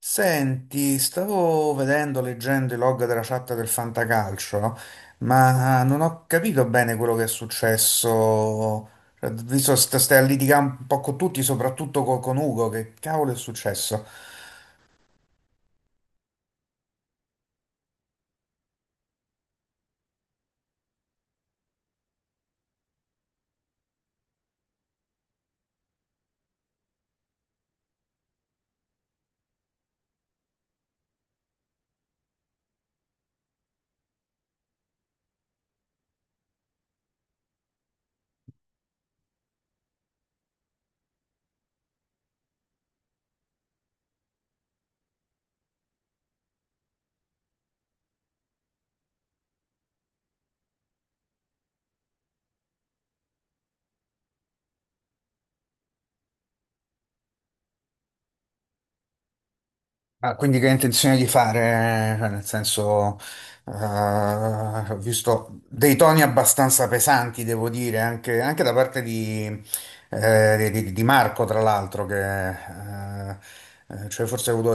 Senti, stavo vedendo, leggendo i log della chat del Fantacalcio, no? Ma non ho capito bene quello che è successo. Cioè, visto che stai a litigare un po' con tutti, soprattutto con Ugo, che cavolo è successo? Ah, quindi che hai intenzione di fare? Cioè, nel senso, ho visto dei toni abbastanza pesanti, devo dire, anche, anche da parte di, di Marco, tra l'altro, che... cioè forse ha avuto.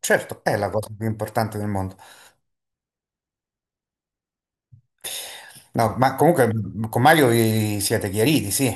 Certo, è la cosa più importante del mondo. No, ma comunque con Mario vi siete chiariti, sì.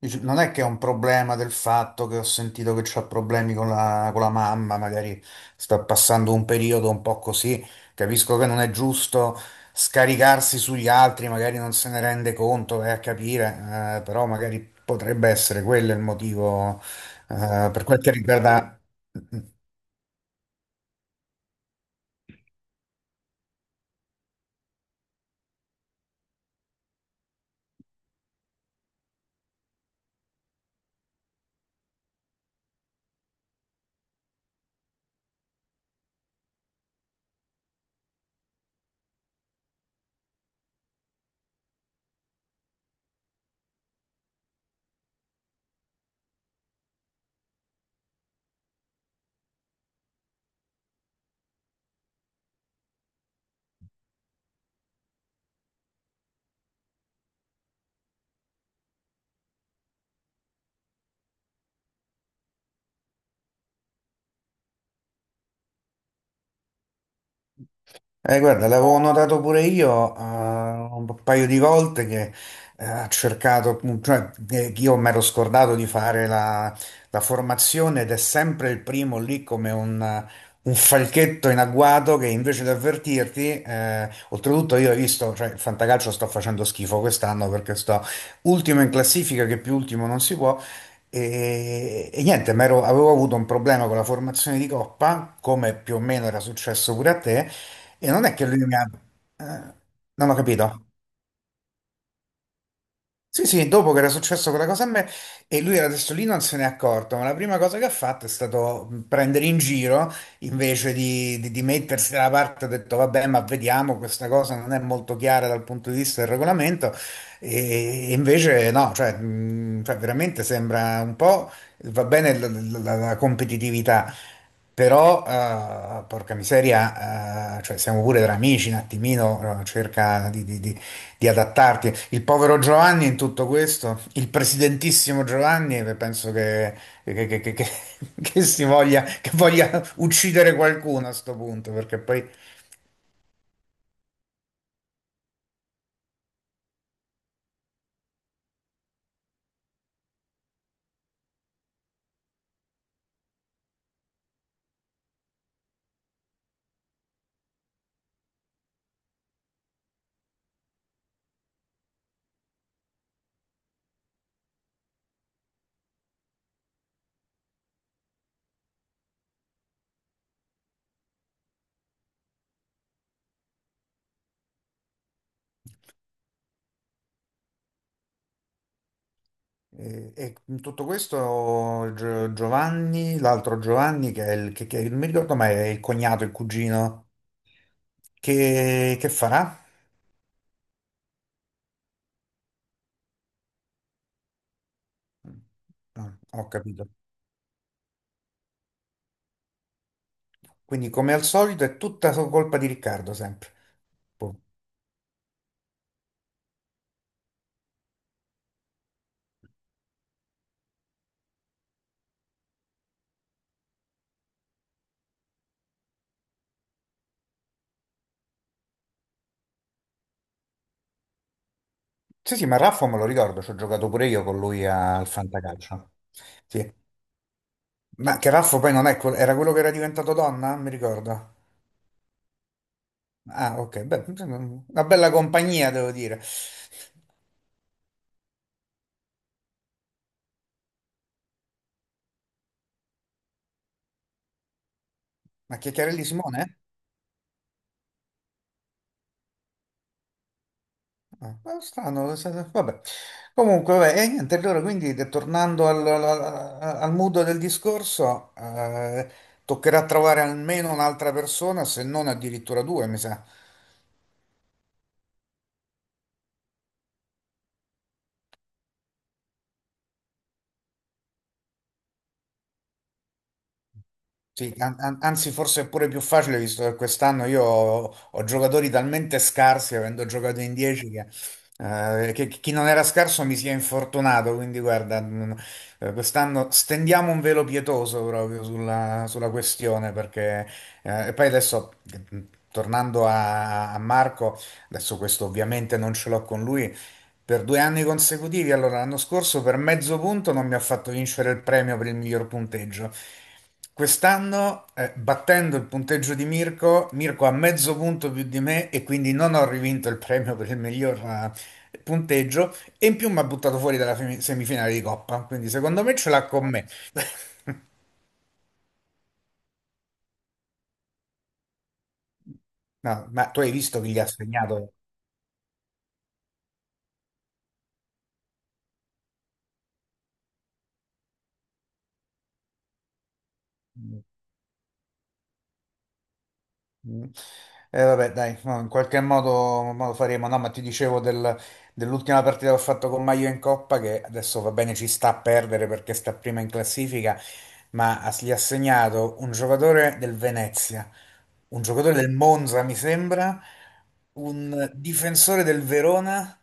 Dice, non è che è un problema del fatto che ho sentito che c'ho problemi con la mamma, magari sto passando un periodo un po' così. Capisco che non è giusto scaricarsi sugli altri, magari non se ne rende conto, vai a capire, però magari potrebbe essere quello il motivo, per quel che riguarda... guarda, l'avevo notato pure io un paio di volte che ha cercato, che io mi ero scordato di fare la, la formazione ed è sempre il primo lì come un falchetto in agguato che invece di avvertirti, oltretutto io ho visto, cioè il fantacalcio sto facendo schifo quest'anno perché sto ultimo in classifica, che più ultimo non si può. E niente, avevo avuto un problema con la formazione di coppa, come più o meno era successo pure a te, e non è che lui mi ha... eh, non ho capito. Sì, sì, dopo che era successo quella cosa a me e lui era adesso lì non se n'è accorto, ma la prima cosa che ha fatto è stato prendere in giro invece di, di mettersi dalla parte, ha detto vabbè, ma vediamo, questa cosa non è molto chiara dal punto di vista del regolamento e invece no, cioè, cioè, veramente sembra un po', va bene la competitività, però porca miseria, cioè, siamo pure tra amici, un attimino cerca di, di adattarti. Il povero Giovanni in tutto questo, il presidentissimo Giovanni, che penso che, che- che- che- che- che si voglia, che voglia uccidere qualcuno a sto punto, perché poi e in tutto questo Giovanni, l'altro Giovanni, che è il, che, non mi ricordo mai, è il cognato, il cugino, che farà? Ah, ho capito. Quindi come al solito è tutta colpa di Riccardo sempre. Sì, sì, ma Raffo me lo ricordo, ci ho giocato pure io con lui al Fantacalcio. Sì. Ma che Raffo poi non è quel- era quello che era diventato donna? Mi ricordo. Ah, ok, beh, sì, sì, una bella compagnia, devo dire. Ma Chiacchiarelli Simone? Ah, ma strano, vabbè. Comunque, vabbè, e niente, allora quindi tornando al mood del discorso, toccherà trovare almeno un'altra persona, se non addirittura due, mi sa. Sì, anzi forse è pure più facile visto che quest'anno io ho, ho giocatori talmente scarsi, avendo giocato in 10, che chi non era scarso mi si è infortunato, quindi guarda, mm, quest'anno stendiamo un velo pietoso proprio sulla, sulla questione, perché e poi adesso, mm, tornando a, a Marco, adesso questo ovviamente non ce l'ho con lui, per due anni consecutivi, allora l'anno scorso per mezzo punto non mi ha fatto vincere il premio per il miglior punteggio. Quest'anno, battendo il punteggio di Mirko, Mirko ha mezzo punto più di me e quindi non ho rivinto il premio per il miglior punteggio e in più mi ha buttato fuori dalla semifinale di Coppa, quindi secondo me ce l'ha con me. No, ma tu hai visto chi gli ha segnato? Mm. Vabbè, dai, no, in qualche modo faremo. No, ma ti dicevo dell'ultima partita che ho fatto con Maio in Coppa, che adesso va bene, ci sta a perdere perché sta prima in classifica, ma gli ha segnato un giocatore del Venezia, un giocatore del Monza, mi sembra, un difensore del Verona.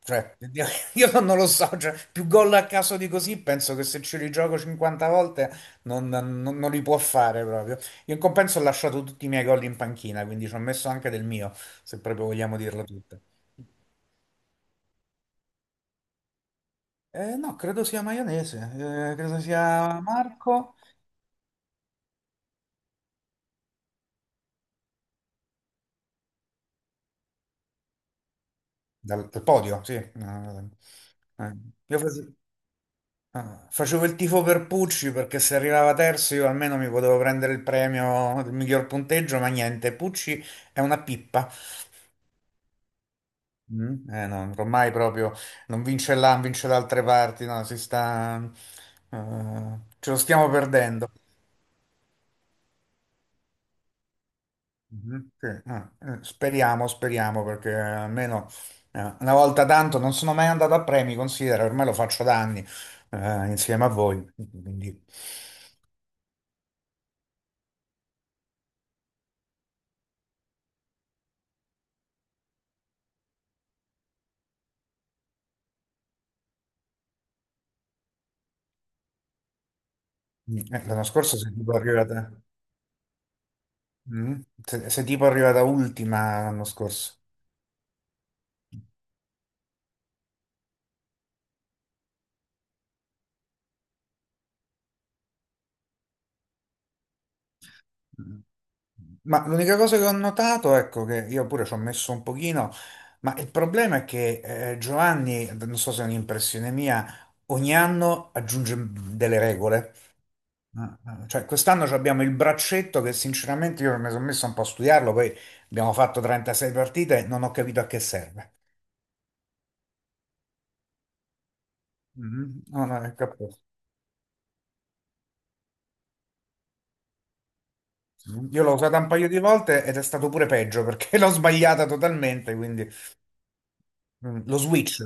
Cioè, io io non lo so, cioè, più gol a caso di così, penso che se ci rigioco 50 volte non, non li può fare proprio. Io in compenso ho lasciato tutti i miei gol in panchina, quindi ci ho messo anche del mio, se proprio vogliamo dirla tutta. No, credo sia maionese, credo sia Marco. Dal, dal podio, sì. Eh, io face- facevo il tifo per Pucci perché se arrivava terzo io almeno mi potevo prendere il premio del miglior punteggio, ma niente, Pucci è una pippa. Mm, no, ormai proprio non vince là, non vince da altre parti, no, si sta... ce lo stiamo perdendo. Mhm, sì. Ah, speriamo, speriamo, perché almeno una volta tanto non sono mai andato a premi, considera, ormai lo faccio da anni insieme a voi. Quindi, mm, l'anno scorso sei tipo arrivata, mm, sei tipo arrivata ultima l'anno scorso. Mm. Ma l'unica cosa che ho notato, ecco, che io pure ci ho messo un pochino, ma il problema è che Giovanni, non so se è un'impressione mia, ogni anno aggiunge delle regole. Ah, ah, cioè, quest'anno ci abbiamo il braccetto che sinceramente io mi sono messo un po' a studiarlo, poi abbiamo fatto 36 partite e non ho capito a che serve. Mhm. Non ho capito. Io l'ho usata un paio di volte ed è stato pure peggio perché l'ho sbagliata totalmente, quindi mm, lo switch.